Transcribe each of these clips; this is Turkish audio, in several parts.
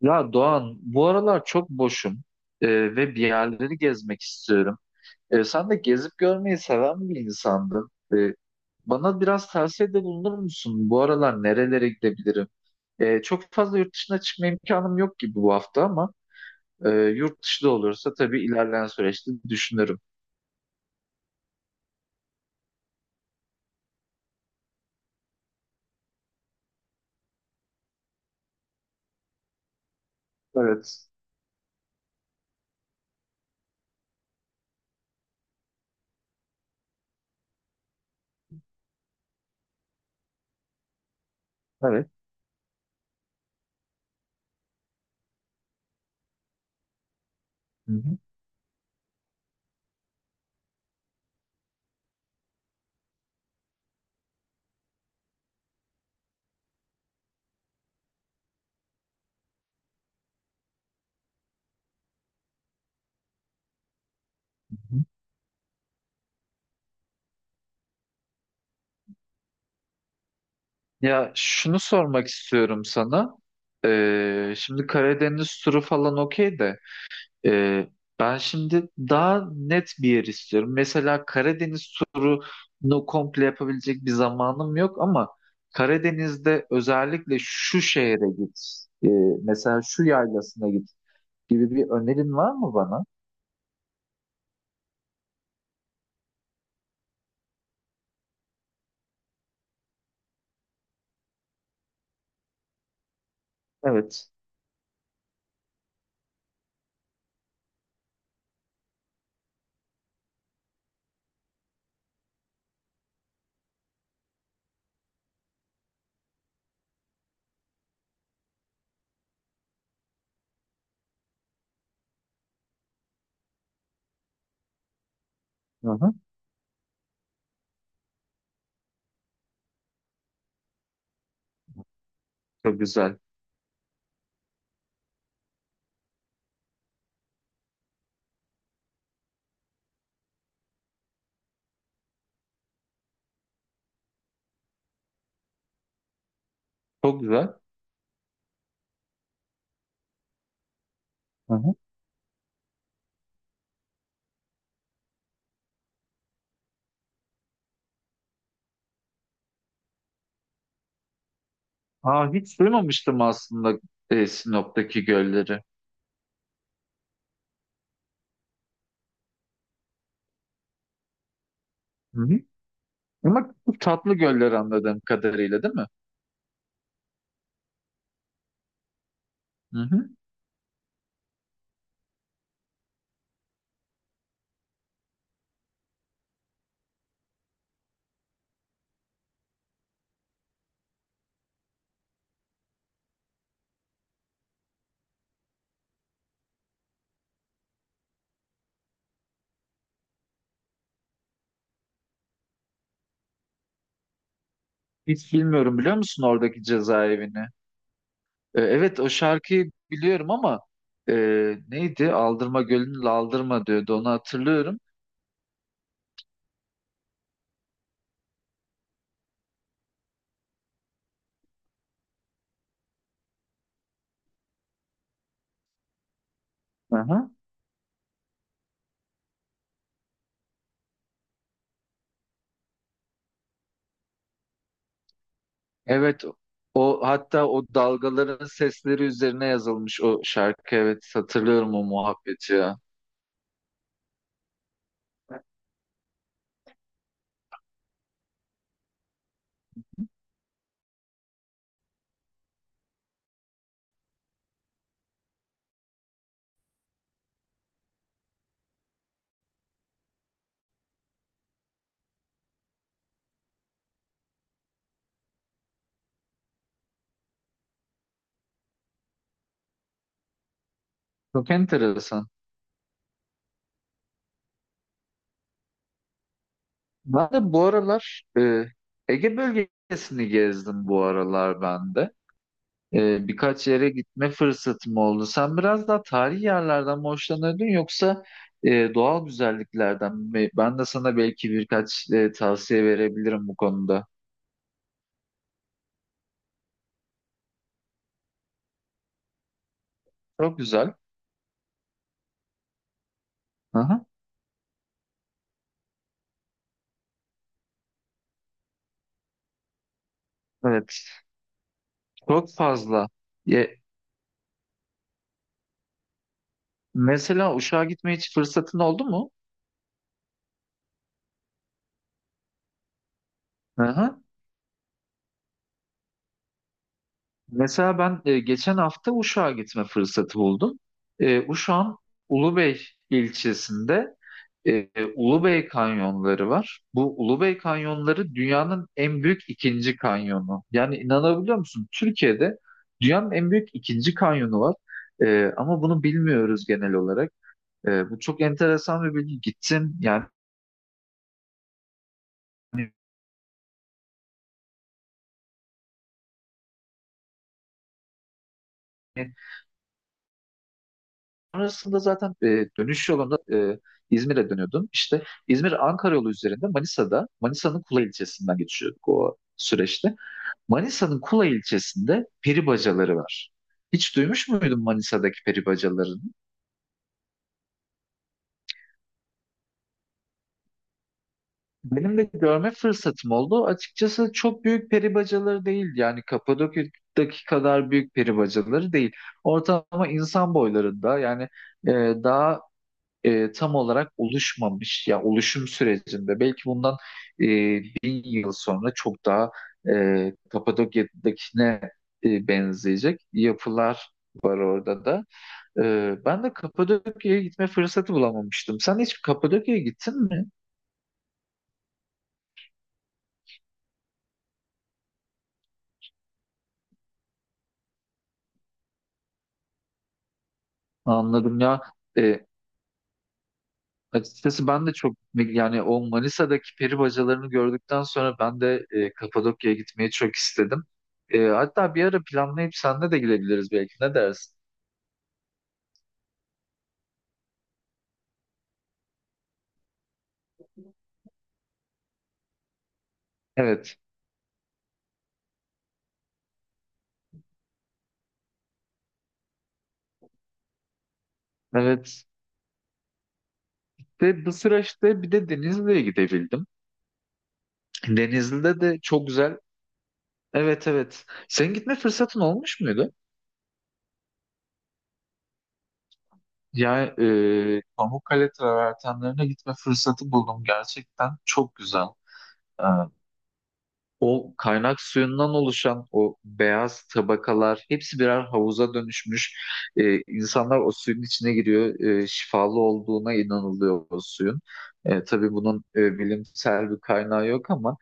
Ya Doğan, bu aralar çok boşum, e, ve bir yerleri gezmek istiyorum. Sen de gezip görmeyi seven bir insandın. Bana biraz tavsiyede bulunur musun? Bu aralar nerelere gidebilirim? Çok fazla yurt dışına çıkma imkanım yok gibi bu hafta ama yurt dışı da olursa tabii ilerleyen süreçte düşünürüm. Evet, evet. Hı hı. Hı. Hı. Ya şunu sormak istiyorum sana. Şimdi Karadeniz turu falan okey de. Ee, Ben şimdi daha net bir yer istiyorum. Mesela Karadeniz turunu komple yapabilecek bir zamanım yok ama Karadeniz'de özellikle şu şehre git, ee, mesela şu yaylasına git gibi bir önerin var mı bana? Evet. Hı hı. Çok güzel. Çok güzel. Hı hı. Aa, hiç duymamıştım aslında Sinop'taki gölleri. Hı hı. Ama çok tatlı göller anladığım kadarıyla, değil mi? Hı hı. Hiç bilmiyorum, biliyor musun oradaki cezaevini? Evet, o şarkıyı biliyorum ama e, neydi? Aldırma Gölü'nün Aldırma diyordu, onu hatırlıyorum. Aha. Evet, o hatta o dalgaların sesleri üzerine yazılmış o şarkı, evet hatırlıyorum o muhabbeti ya. Çok enteresan. Ben de bu aralar Ege bölgesini gezdim bu aralar ben de. Birkaç yere gitme fırsatım oldu. Sen biraz daha tarihi yerlerden mi hoşlanırdın yoksa doğal güzelliklerden mi? Ben de sana belki birkaç tavsiye verebilirim bu konuda. Çok güzel. Aha, evet. Çok fazla. Ye- Mesela Uşak'a gitmeye hiç fırsatın oldu mu? Aha. Mesela ben geçen hafta Uşak'a gitme fırsatı buldum. Uşak'ın Ulubey ilçesinde e, Ulubey kanyonları var. Bu Ulubey kanyonları dünyanın en büyük ikinci kanyonu. Yani inanabiliyor musun? Türkiye'de dünyanın en büyük ikinci kanyonu var. Ama bunu bilmiyoruz genel olarak. Bu çok enteresan bir bilgi. Gittim yani. Sonrasında zaten dönüş yolunda İzmir'e dönüyordum. İşte İzmir-Ankara yolu üzerinde Manisa'da, Manisa'nın Kula ilçesinden geçiyorduk o süreçte. Manisa'nın Kula ilçesinde peri bacaları var. Hiç duymuş muydun Manisa'daki peri bacalarını? Benim de görme fırsatım oldu. Açıkçası çok büyük peri bacaları değil. Yani Kapadokya'daki kadar büyük peri bacaları değil. Ortalama insan boylarında yani e, daha tam olarak oluşmamış ya, oluşum sürecinde belki bundan e, bin yıl sonra çok daha Kapadokya'dakine benzeyecek yapılar var orada da. Ben de Kapadokya'ya gitme fırsatı bulamamıştım. Sen hiç Kapadokya'ya gittin mi? Anladım ya. E, Açıkçası ben de çok, yani o Manisa'daki peri bacalarını gördükten sonra ben de Kapadokya'ya gitmeyi çok istedim. Hatta bir ara planlayıp senle de gidebiliriz belki. Ne dersin? Evet. Evet. De bu süreçte bir de Denizli'ye gidebildim. Denizli'de de çok güzel. Evet, evet. Senin gitme fırsatın olmuş muydu? Ya, Pamukkale travertenlerine gitme fırsatı buldum. Gerçekten çok güzel. E, O kaynak suyundan oluşan o beyaz tabakalar hepsi birer havuza dönüşmüş. İnsanlar o suyun içine giriyor. Şifalı olduğuna inanılıyor o suyun. Tabii bunun bilimsel bir kaynağı yok ama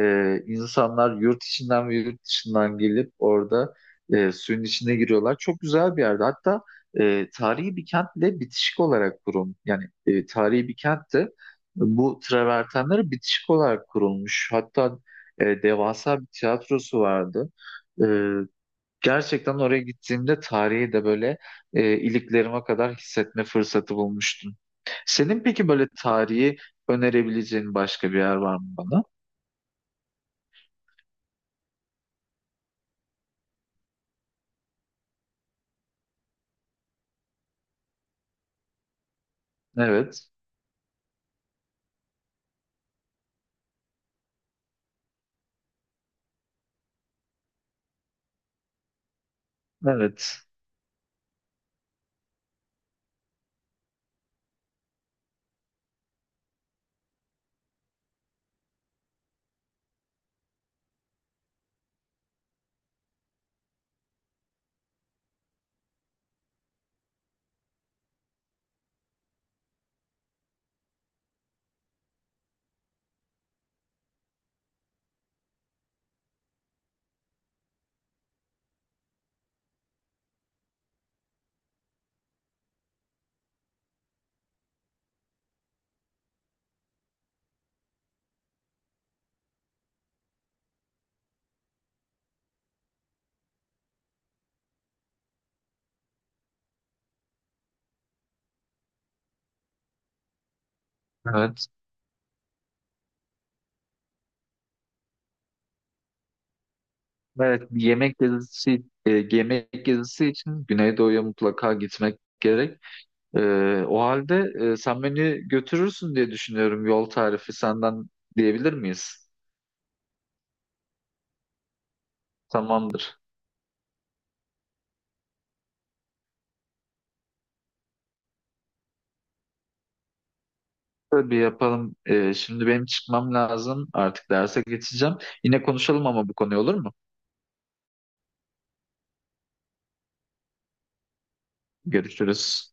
İnsanlar yurt içinden ve yurt dışından gelip orada suyun içine giriyorlar. Çok güzel bir yerde. Hatta tarihi bir kentle bitişik olarak kurulmuş. Yani tarihi bir kentte bu travertenleri bitişik olarak kurulmuş. Hatta devasa bir tiyatrosu vardı. E, Gerçekten oraya gittiğimde tarihi de böyle iliklerime kadar hissetme fırsatı bulmuştum. Senin peki böyle tarihi önerebileceğin başka bir yer var mı bana? Evet. Evet. Evet. Evet. Bir yemek gezisi, yemek gezisi için Güneydoğu'ya mutlaka gitmek gerek. E, O halde sen beni götürürsün diye düşünüyorum. Yol tarifi senden diyebilir miyiz? Tamamdır. Böyle bir yapalım. Şimdi benim çıkmam lazım. Artık derse geçeceğim. Yine konuşalım ama bu konuyu, olur mu? Görüşürüz.